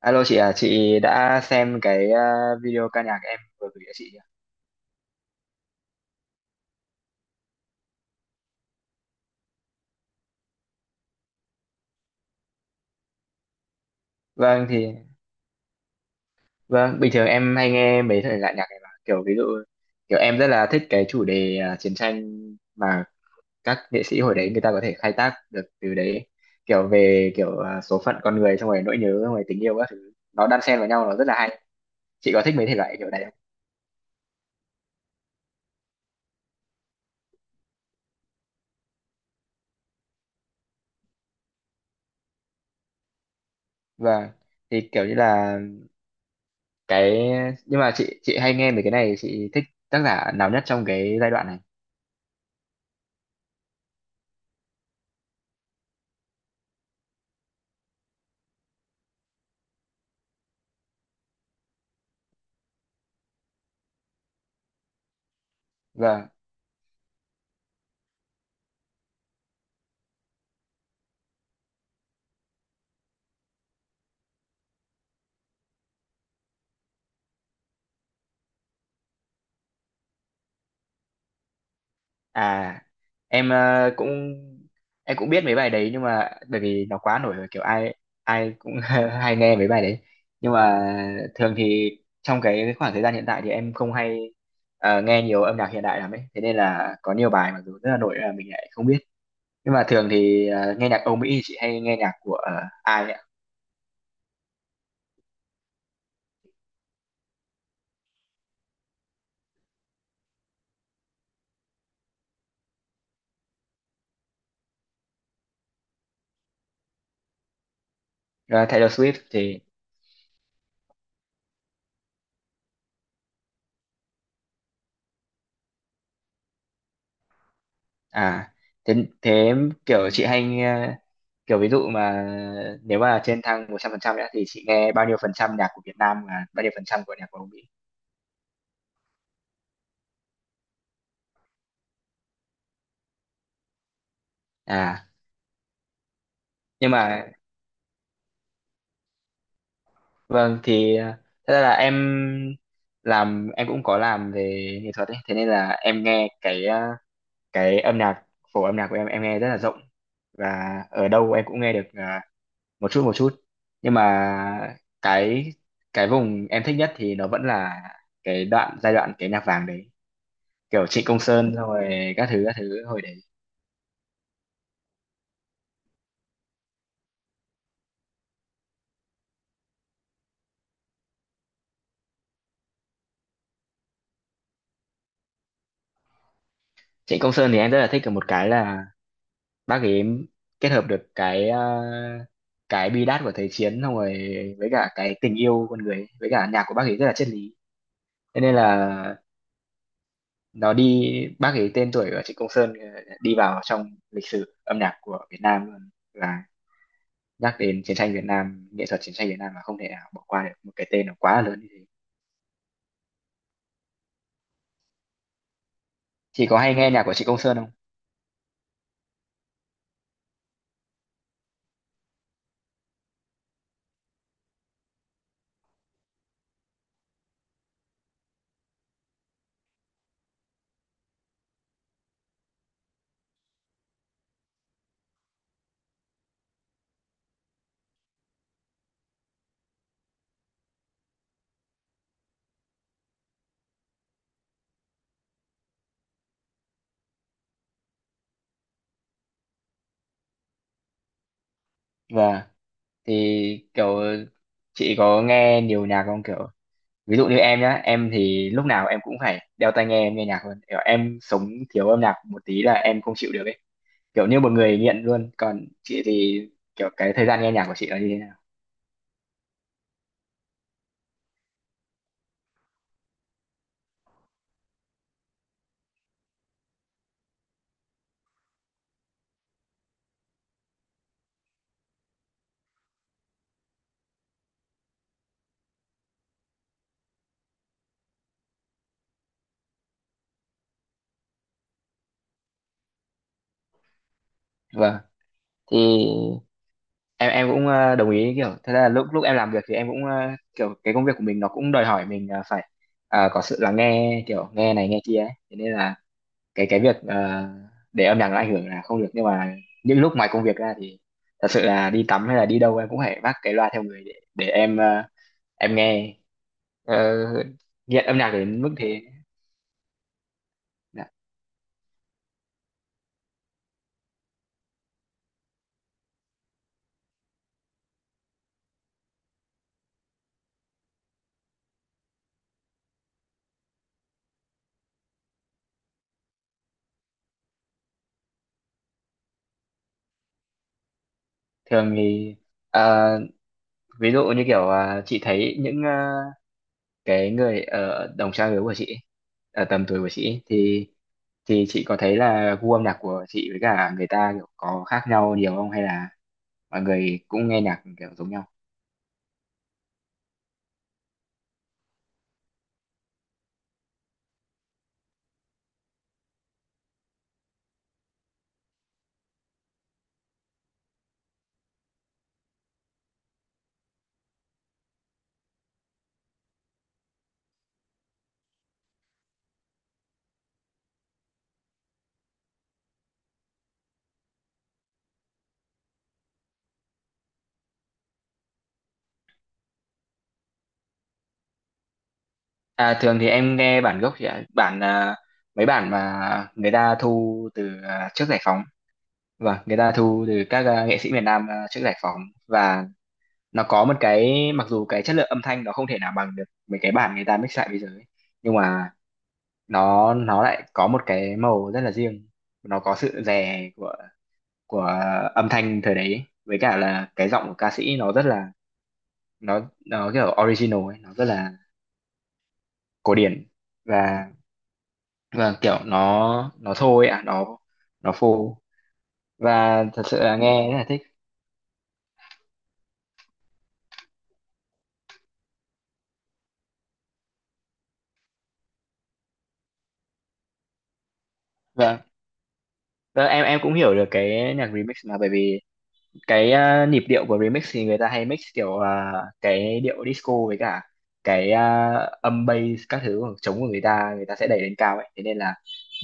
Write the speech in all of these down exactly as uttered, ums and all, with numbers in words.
Alo chị à, chị đã xem cái ờ, video ca nhạc em vừa gửi cho chị chưa? Vâng thì vâng, bình thường em hay nghe mấy thể loại nhạc này, mà kiểu ví dụ kiểu em rất là thích cái chủ đề ờ, chiến tranh mà các nghệ sĩ hồi đấy người ta có thể khai thác được từ đấy, kiểu về kiểu ờ, số phận con người, xong rồi nỗi nhớ, xong rồi tình yêu các thứ, nó đan xen vào nhau, nó rất là hay. Chị có thích mấy thể loại kiểu này không? Vâng. Thì kiểu như là cái nhưng mà chị chị hay nghe mấy cái này, chị thích tác giả nào nhất trong cái giai đoạn này? Vâng. À, em ờ, cũng em cũng biết mấy bài đấy, nhưng mà bởi vì nó quá nổi rồi, kiểu ai ai cũng hay nghe mấy bài đấy. Nhưng mà thường thì trong cái khoảng thời gian hiện tại thì em không hay ờ, nghe nhiều âm nhạc hiện đại lắm ấy. Thế nên là có nhiều bài mặc dù rất là nổi là mình lại không biết. Nhưng mà thường thì ờ, nghe nhạc Âu Mỹ thì chị hay nghe nhạc của ờ, ai ạ? Ờ, Taylor Swift thì À, thế, thế kiểu chị hay nghe, kiểu ví dụ mà nếu mà trên thang một trăm phần trăm nữa thì chị nghe bao nhiêu phần trăm nhạc của Việt Nam và bao nhiêu phần trăm của nhạc của Mỹ? À, nhưng mà vâng thì ờ, thật ra là em làm em cũng có làm về nghệ thuật ấy, thế nên là em nghe cái ờ, cái âm nhạc, phổ âm nhạc của em em nghe rất là rộng, và ở đâu em cũng nghe được ờ, một chút một chút. Nhưng mà cái cái vùng em thích nhất thì nó vẫn là cái đoạn giai đoạn cái nhạc vàng đấy, kiểu Trịnh Công Sơn xong rồi các thứ các thứ hồi đấy. Trịnh Công Sơn thì em rất là thích ở một cái là bác ấy kết hợp được cái ờ, cái bi đát của thời chiến, xong rồi với cả cái tình yêu con người ấy, với cả nhạc của bác ấy rất là triết lý, thế nên là nó đi bác ấy, tên tuổi của Trịnh Công Sơn ờ, đi vào trong lịch sử âm nhạc của Việt Nam luôn, là nhắc đến chiến tranh Việt Nam, nghệ thuật chiến tranh Việt Nam, mà không thể nào bỏ qua được một cái tên nó quá là lớn như thế. Chị có hay nghe nhạc của Trịnh Công Sơn không? Vâng, thì kiểu chị có nghe nhiều nhạc không, kiểu ví dụ như em nhá, em thì lúc nào em cũng phải đeo tai nghe, em nghe nhạc luôn, kiểu em sống thiếu âm nhạc một tí là em không chịu được ấy, kiểu như một người nghiện luôn. Còn chị thì kiểu cái thời gian nghe nhạc của chị là như thế nào? Vâng, thì em em cũng ờ, đồng ý, kiểu thật ra là lúc lúc em làm việc thì em cũng ờ, kiểu cái công việc của mình nó cũng đòi hỏi mình ờ, phải ờ, có sự lắng nghe, kiểu nghe này nghe kia ấy, thế nên là cái cái việc ờ, để âm nhạc nó ảnh hưởng là không được, nhưng mà những lúc ngoài công việc ra thì thật sự là đi tắm hay là đi đâu em cũng phải vác cái loa theo người, để để em ờ, em nghe, ờ, nghiện âm nhạc đến mức thế. Dạ. Thường thì ờ, ví dụ như kiểu ờ, chị thấy những ờ, cái người ở đồng trang lứa của chị ấy, ở tầm tuổi của chị ấy, thì thì chị có thấy là gu âm nhạc của chị với cả người ta kiểu có khác nhau nhiều không, hay là mọi người cũng nghe nhạc kiểu giống nhau? À, thường thì em nghe bản gốc chị ạ, bản à, mấy bản mà người ta thu từ à, trước giải phóng. Vâng, người ta thu từ các à, nghệ sĩ miền Nam à, trước giải phóng, và nó có một cái, mặc dù cái chất lượng âm thanh nó không thể nào bằng được mấy cái bản người ta mix lại bây giờ ấy, nhưng mà nó nó lại có một cái màu rất là riêng, nó có sự rè của của âm thanh thời đấy ấy, với cả là cái giọng của ca sĩ, nó rất là nó nó kiểu original ấy, nó rất là cổ điển. Và vâng, kiểu nó nó thôi ạ, nó nó phô, và thật sự là Ừ. nghe rất là thích. Vâng, vâng, em em cũng hiểu được cái nhạc remix, mà bởi vì cái à, nhịp điệu của remix thì người ta hay mix kiểu à, cái điệu disco, với cả cái à, âm bass các thứ của trống của người ta người ta sẽ đẩy lên cao ấy, thế nên là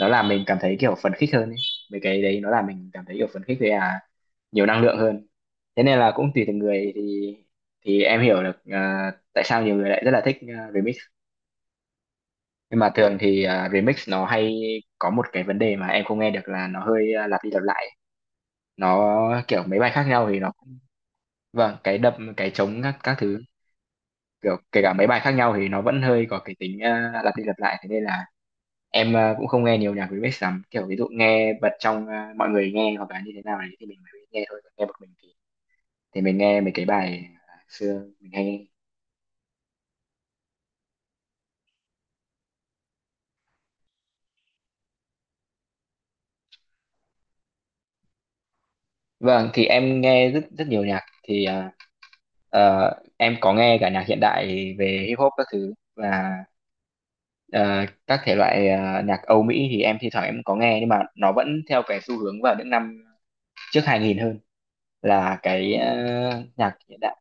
nó làm mình cảm thấy kiểu phấn khích hơn ấy. Mấy cái đấy nó làm mình cảm thấy kiểu phấn khích với à, nhiều năng lượng hơn. Thế nên là cũng tùy từng người, thì thì em hiểu được à, tại sao nhiều người lại rất là thích uh, remix. Nhưng mà thường thì à, remix nó hay có một cái vấn đề mà em không nghe được, là nó hơi à, lặp đi lặp lại, nó kiểu mấy bài khác nhau thì nó Vâng, cái đập cái trống các các thứ, kiểu kể cả mấy bài khác nhau thì nó vẫn hơi có cái tính à, lặp đi lặp lại, thế nên là em à, cũng không nghe nhiều nhạc remix lắm, kiểu ví dụ nghe bật trong à, mọi người nghe hoặc là như thế nào đấy thì mình mới nghe thôi. Còn nghe một mình thì thì mình nghe mấy cái bài à, xưa mình hay nghe. Vâng, thì em nghe rất rất nhiều nhạc, thì à, ờ, em có nghe cả nhạc hiện đại về hip hop các thứ, và ờ, các thể loại ờ, nhạc Âu Mỹ thì em thi thoảng em có nghe, nhưng mà nó vẫn theo cái xu hướng vào những năm trước hai nghìn hơn, là cái ờ, nhạc hiện đại.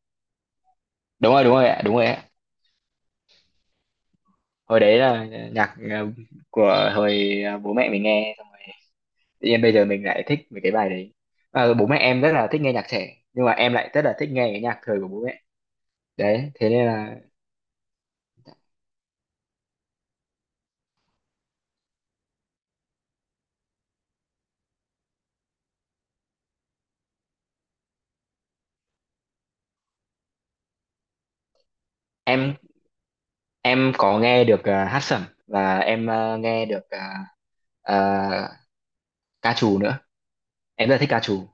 Đúng rồi, đúng rồi ạ, đúng rồi ạ. Hồi đấy là nhạc ờ, của hồi ờ, bố mẹ mình nghe, xong rồi tự nhiên bây giờ mình lại thích mấy cái bài đấy. Ờ, bố mẹ em rất là thích nghe nhạc trẻ nhưng mà em lại rất là thích nghe cái nhạc thời của bố mẹ. Đấy, thế nên là em Em có nghe được ờ, hát sẩm, và em ờ, nghe được ờ, ờ, ca trù nữa. Em rất là thích ca trù.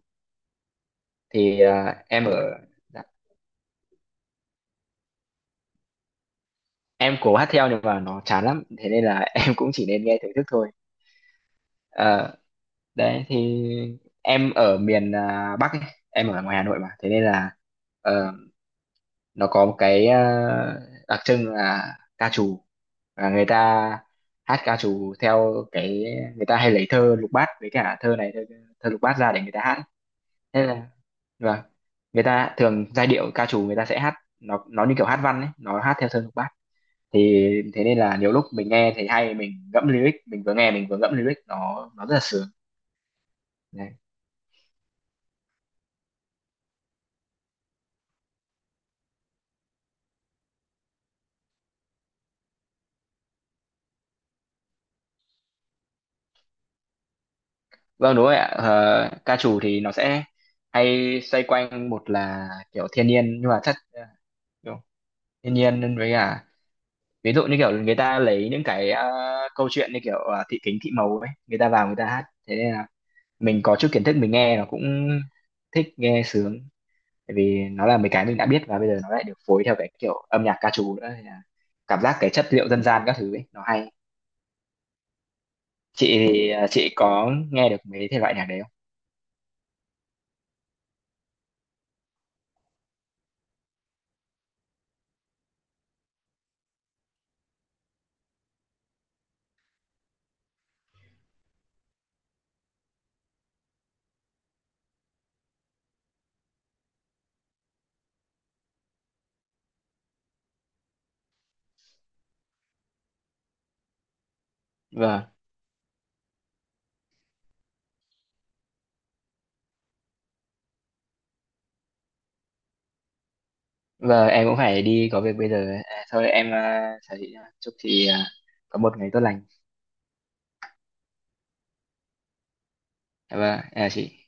Thì ờ, em ở Dạ, em cố hát theo nhưng mà nó chán lắm. Thế nên là em cũng chỉ nên nghe thưởng thức thôi. Ờ, đấy thì em ở miền ờ, Bắc ấy. Em ở ngoài Hà Nội mà. Thế nên là ờ, nó có một cái ờ, đặc trưng là ca trù, và người ta hát ca trù theo cái, người ta hay lấy thơ lục bát, với cả thơ này thơ, thơ lục bát ra để người ta hát. Thế là vâng, người ta thường giai điệu ca trù người ta sẽ hát, nó nó như kiểu hát văn ấy, nó hát theo thơ lục bát. Thì thế nên là nhiều lúc mình nghe thấy hay, mình ngẫm lyric mình vừa nghe mình vừa ngẫm lyric, nó nó rất là sướng. Đấy. Vâng, đúng rồi ạ. Ờ, ca trù thì nó sẽ hay xoay quanh, một là kiểu thiên nhiên, nhưng mà chắc ờ, kiểu thiên nhiên với cả ví dụ như kiểu người ta lấy những cái ờ, câu chuyện như kiểu ờ, Thị Kính Thị màu ấy, người ta vào người ta hát, thế nên là mình có chút kiến thức mình nghe nó cũng thích nghe, sướng, tại vì nó là mấy cái mình đã biết, và bây giờ nó lại được phối theo cái kiểu âm nhạc ca trù nữa, nên là cảm giác cái chất liệu dân gian các thứ ấy nó hay. Chị thì à, chị có nghe được mấy thể loại nhạc đấy không? Vâng, vâng em cũng phải đi có việc bây giờ, à, thôi em à, chào chị nhá. Chúc chị à, có một ngày tốt lành. Vâng, à chị.